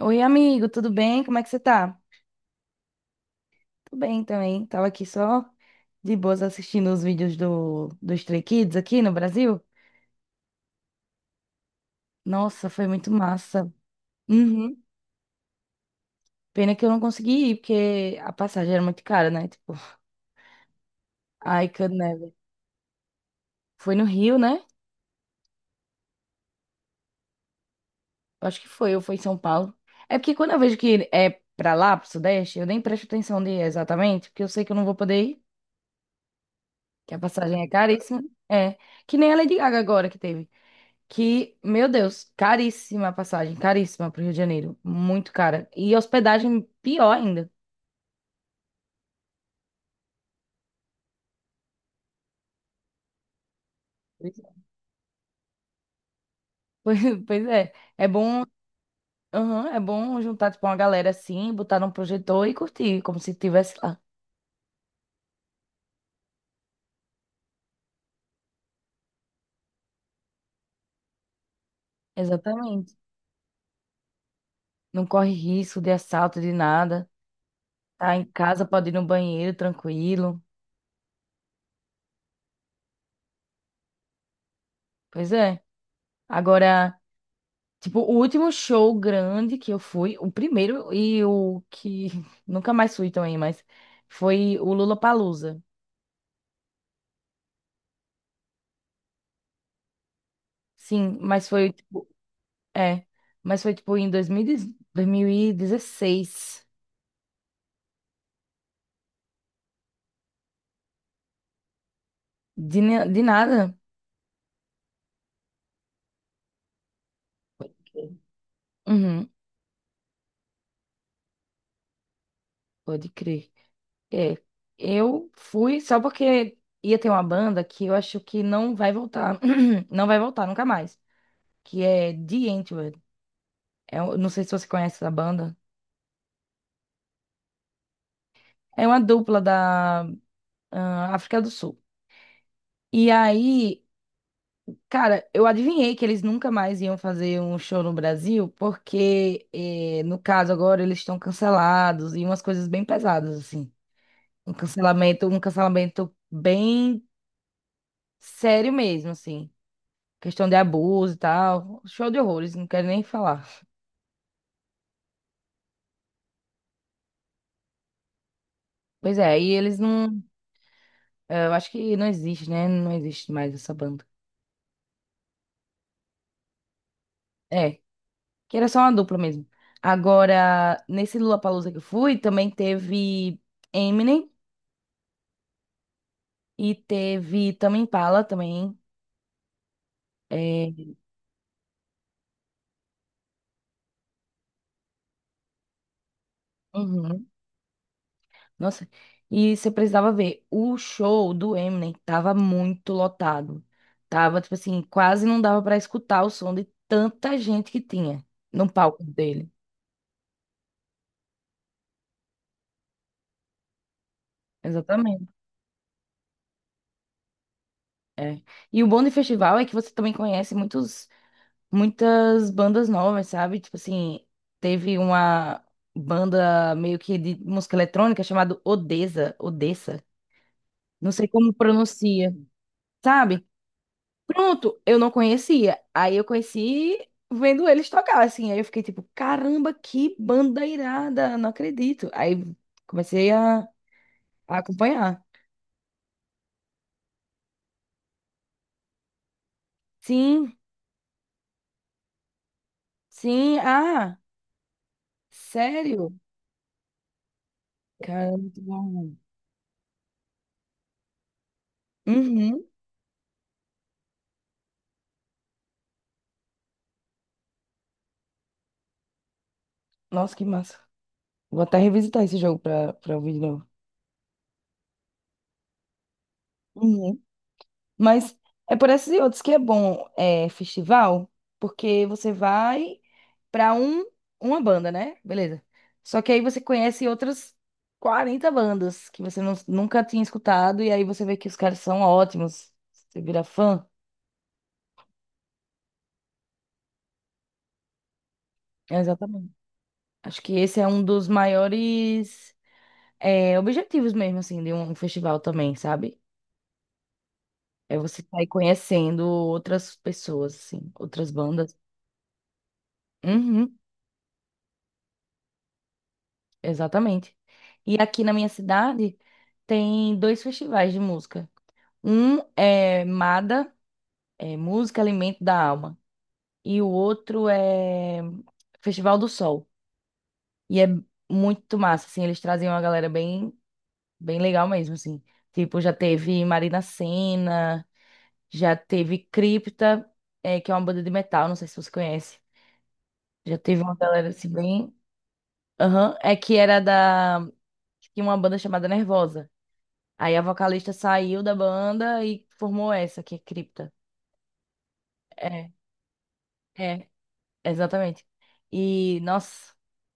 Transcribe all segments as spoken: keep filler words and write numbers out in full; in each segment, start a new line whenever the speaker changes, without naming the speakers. Oi, amigo, tudo bem? Como é que você tá? Tô bem também. Tava aqui só de boas assistindo os vídeos do, do Stray Kids aqui no Brasil. Nossa, foi muito massa. Uhum. Pena que eu não consegui ir, porque a passagem era muito cara, né? Tipo, I could never. Foi no Rio, né? Eu acho que foi, ou foi em São Paulo. É porque quando eu vejo que é pra lá, pro Sudeste, eu nem presto atenção de exatamente, porque eu sei que eu não vou poder ir, que a passagem é caríssima. É, que nem a Lady Gaga agora que teve. Que, meu Deus, caríssima a passagem, caríssima pro Rio de Janeiro, muito cara. E hospedagem pior ainda. Pois é. Pois, pois é, é bom, aham, é bom juntar tipo uma galera assim, botar num projetor e curtir, como se estivesse lá. Exatamente. Não corre risco de assalto, de nada. Tá em casa, pode ir no banheiro tranquilo. Pois é. Agora, tipo, o último show grande que eu fui, o primeiro e o que nunca mais fui também, mas foi o Lula Lollapalooza. Sim, mas foi tipo, é, mas foi tipo em dois mil e dez dois mil e dezesseis. De, na- de nada. Pode crer. Uhum, pode crer. É, eu fui só porque ia ter uma banda que eu acho que não vai voltar, não vai voltar nunca mais, que é The Antwoord. É, um- não sei se você conhece essa banda. É uma dupla da ah, África do Sul. E aí cara, eu adivinhei que eles nunca mais iam fazer um show no Brasil, porque, eh, no caso, agora eles estão cancelados e umas coisas bem pesadas, assim. Um cancelamento, um cancelamento bem sério mesmo, assim. Questão de abuso e tal. Show de horrores, não quero nem falar. Pois é, e eles não. eh, Eu acho que não existe, né? Não existe mais essa banda. É, que era só uma dupla mesmo. Agora, nesse Lollapalooza que eu fui, também teve Eminem. E teve Tame Impala também. É, uhum. Nossa, e você precisava ver, o show do Eminem tava muito lotado. Tava, tipo assim, quase não dava pra escutar o som de tanta gente que tinha no palco dele. Exatamente. É. E o bom do festival é que você também conhece muitos, muitas bandas novas, sabe? Tipo assim, teve uma banda meio que de música eletrônica chamada Odessa, Odessa. Não sei como pronuncia. Sabe? Pronto, eu não conhecia. Aí eu conheci vendo eles tocar, assim. Aí eu fiquei tipo, caramba, que banda irada, não acredito. Aí comecei a, a acompanhar. Sim, sim, ah, sério? Caramba, muito bom. Uhum. Nossa, que massa. Vou até revisitar esse jogo pra, pra ouvir de novo. Uhum. Mas é por esses e outros que é bom, é, festival, porque você vai pra um, uma banda, né? Beleza. Só que aí você conhece outras quarenta bandas que você não- nunca tinha escutado, e aí você vê que os caras são ótimos. Você vira fã. É, exatamente. Acho que esse é um dos maiores, é, objetivos mesmo, assim, de um festival também, sabe? É você sair conhecendo outras pessoas, assim, outras bandas. Uhum, exatamente. E aqui na minha cidade tem dois festivais de música. Um é MADA, é Música Alimento da Alma. E o outro é Festival do Sol. E é muito massa, assim, eles trazem uma galera bem, bem legal mesmo, assim. Tipo, já teve Marina Sena, já teve Cripta, é, que é uma banda de metal, não sei se você conhece. Já teve uma galera assim bem. Aham, é que era da. Tinha uma banda chamada Nervosa. Aí a vocalista saiu da banda e formou essa, que é Cripta. É, é, exatamente. E, nossa.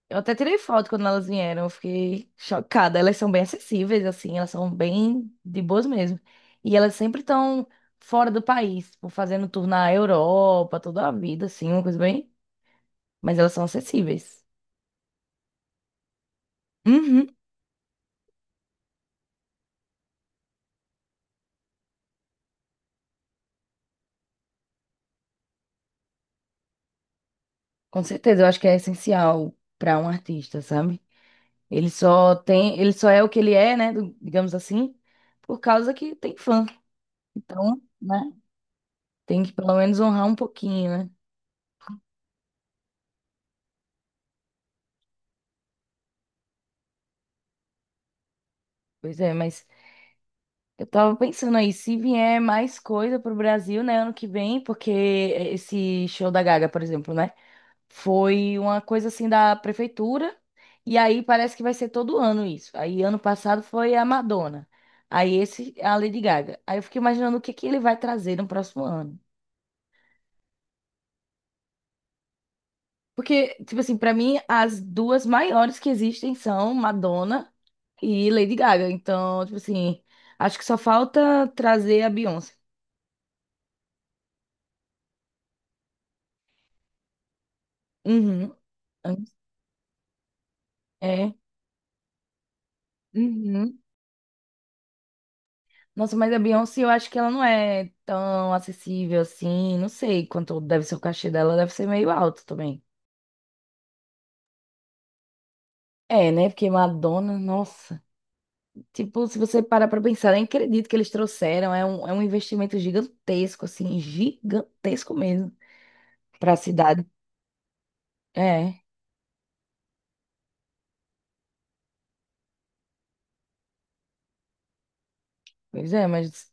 Eu até tirei foto quando elas vieram, eu fiquei chocada. Elas são bem acessíveis, assim, elas são bem de boas mesmo. E elas sempre estão fora do país, tipo, fazendo tour na Europa, toda a vida, assim, uma coisa bem. Mas elas são acessíveis. Uhum. Com certeza, eu acho que é essencial para um artista, sabe? Ele só tem, ele só é o que ele é, né, do- digamos assim, por causa que tem fã. Então, né, tem que pelo menos honrar um pouquinho, né? Pois é, mas. Eu tava pensando aí, se vier mais coisa pro Brasil, né, ano que vem, porque esse show da Gaga, por exemplo, né, foi uma coisa assim da prefeitura, e aí parece que vai ser todo ano isso. Aí ano passado foi a Madonna, aí esse é a Lady Gaga. Aí eu fiquei imaginando o que que ele vai trazer no próximo ano. Porque, tipo assim, pra mim as duas maiores que existem são Madonna e Lady Gaga. Então, tipo assim, acho que só falta trazer a Beyoncé. Uhum. É. Uhum. Nossa, mas a Beyoncé, eu acho que ela não é tão acessível assim. Não sei quanto deve ser o cachê dela, deve ser meio alto também. É, né? Porque Madonna, nossa. Tipo, se você parar pra pensar, nem acredito que eles trouxeram. É um, é um investimento gigantesco, assim, gigantesco mesmo pra cidade. É, pois é, mas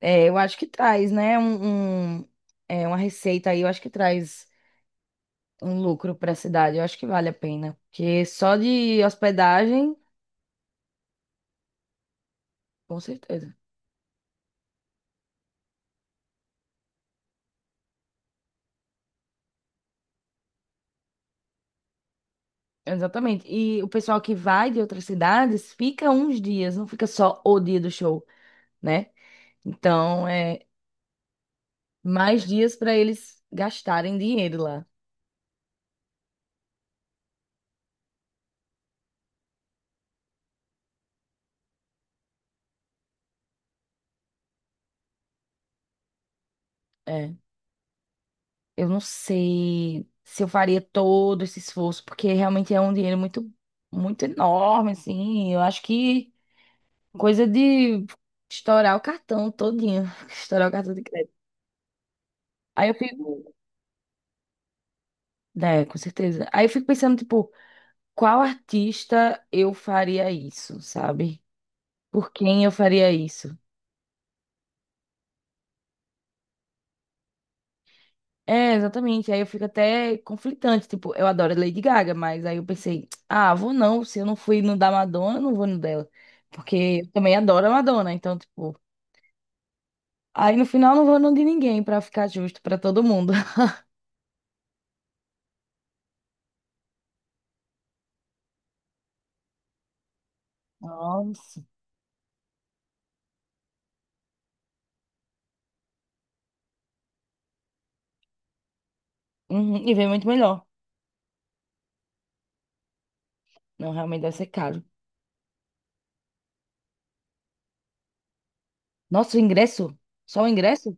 é, eu acho que traz, né? Um, um- é, uma receita aí, eu acho que traz um lucro pra cidade. Eu acho que vale a pena. Porque só de hospedagem. Com certeza. Exatamente. E o pessoal que vai de outras cidades fica uns dias, não fica só o dia do show, né? Então, é mais dias para eles gastarem dinheiro lá. É. Eu não sei se eu faria todo esse esforço, porque realmente é um dinheiro muito, muito enorme, assim. Eu acho que coisa de estourar o cartão todinho, estourar o cartão de crédito. Aí eu fico, né, com certeza. Aí eu fico pensando, tipo, qual artista eu faria isso, sabe? Por quem eu faria isso? É, exatamente. Aí eu fico até conflitante. Tipo, eu adoro a Lady Gaga, mas aí eu pensei, ah, vou não. Se eu não fui no da Madonna, eu não vou no dela. Porque eu também adoro a Madonna. Então, tipo, aí no final não vou no de ninguém pra ficar justo pra todo mundo. Nossa. Uhum, e vem muito melhor. Não, realmente deve ser caro. Nossa, o ingresso? Só o ingresso?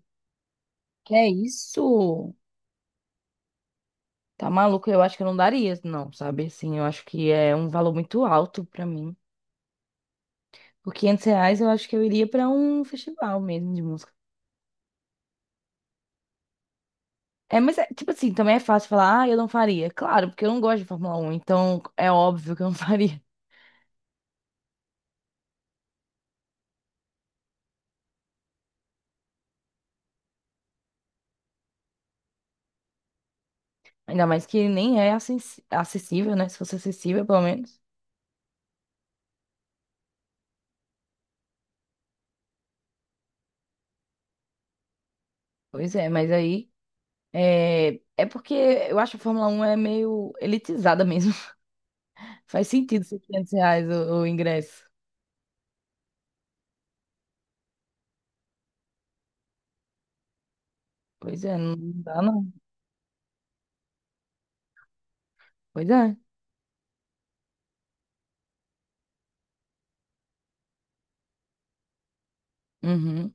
Que é isso? Tá maluco? Eu acho que eu não daria, não, sabe? Assim, eu acho que é um valor muito alto pra mim. Por quinhentos reais eu acho que eu iria pra um festival mesmo de música. É, mas é, tipo assim, também é fácil falar, ah, eu não faria. Claro, porque eu não gosto de Fórmula Um, então é óbvio que eu não faria. Ainda mais que nem é acess- acessível, né? Se fosse acessível, pelo menos. Pois é, mas aí. É, é porque eu acho que a Fórmula Um é meio elitizada mesmo. Faz sentido ser quinhentos reais o, o ingresso. Pois é, não dá não. Pois é. Uhum.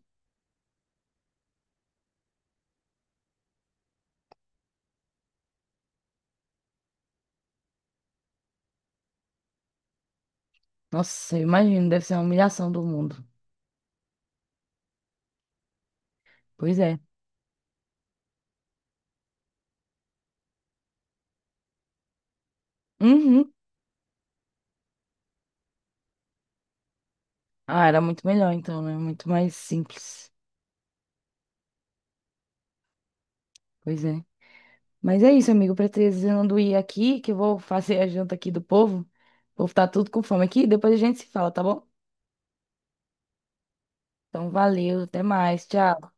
Nossa, eu imagino, deve ser uma humilhação do mundo. Pois é. Uhum. Ah, era muito melhor então, né? Muito mais simples. Pois é. Mas é isso, amigo. Precisando ir aqui, que eu vou fazer a janta aqui do povo. O povo tá tudo com fome aqui. Depois a gente se fala, tá bom? Então, valeu. Até mais. Tchau.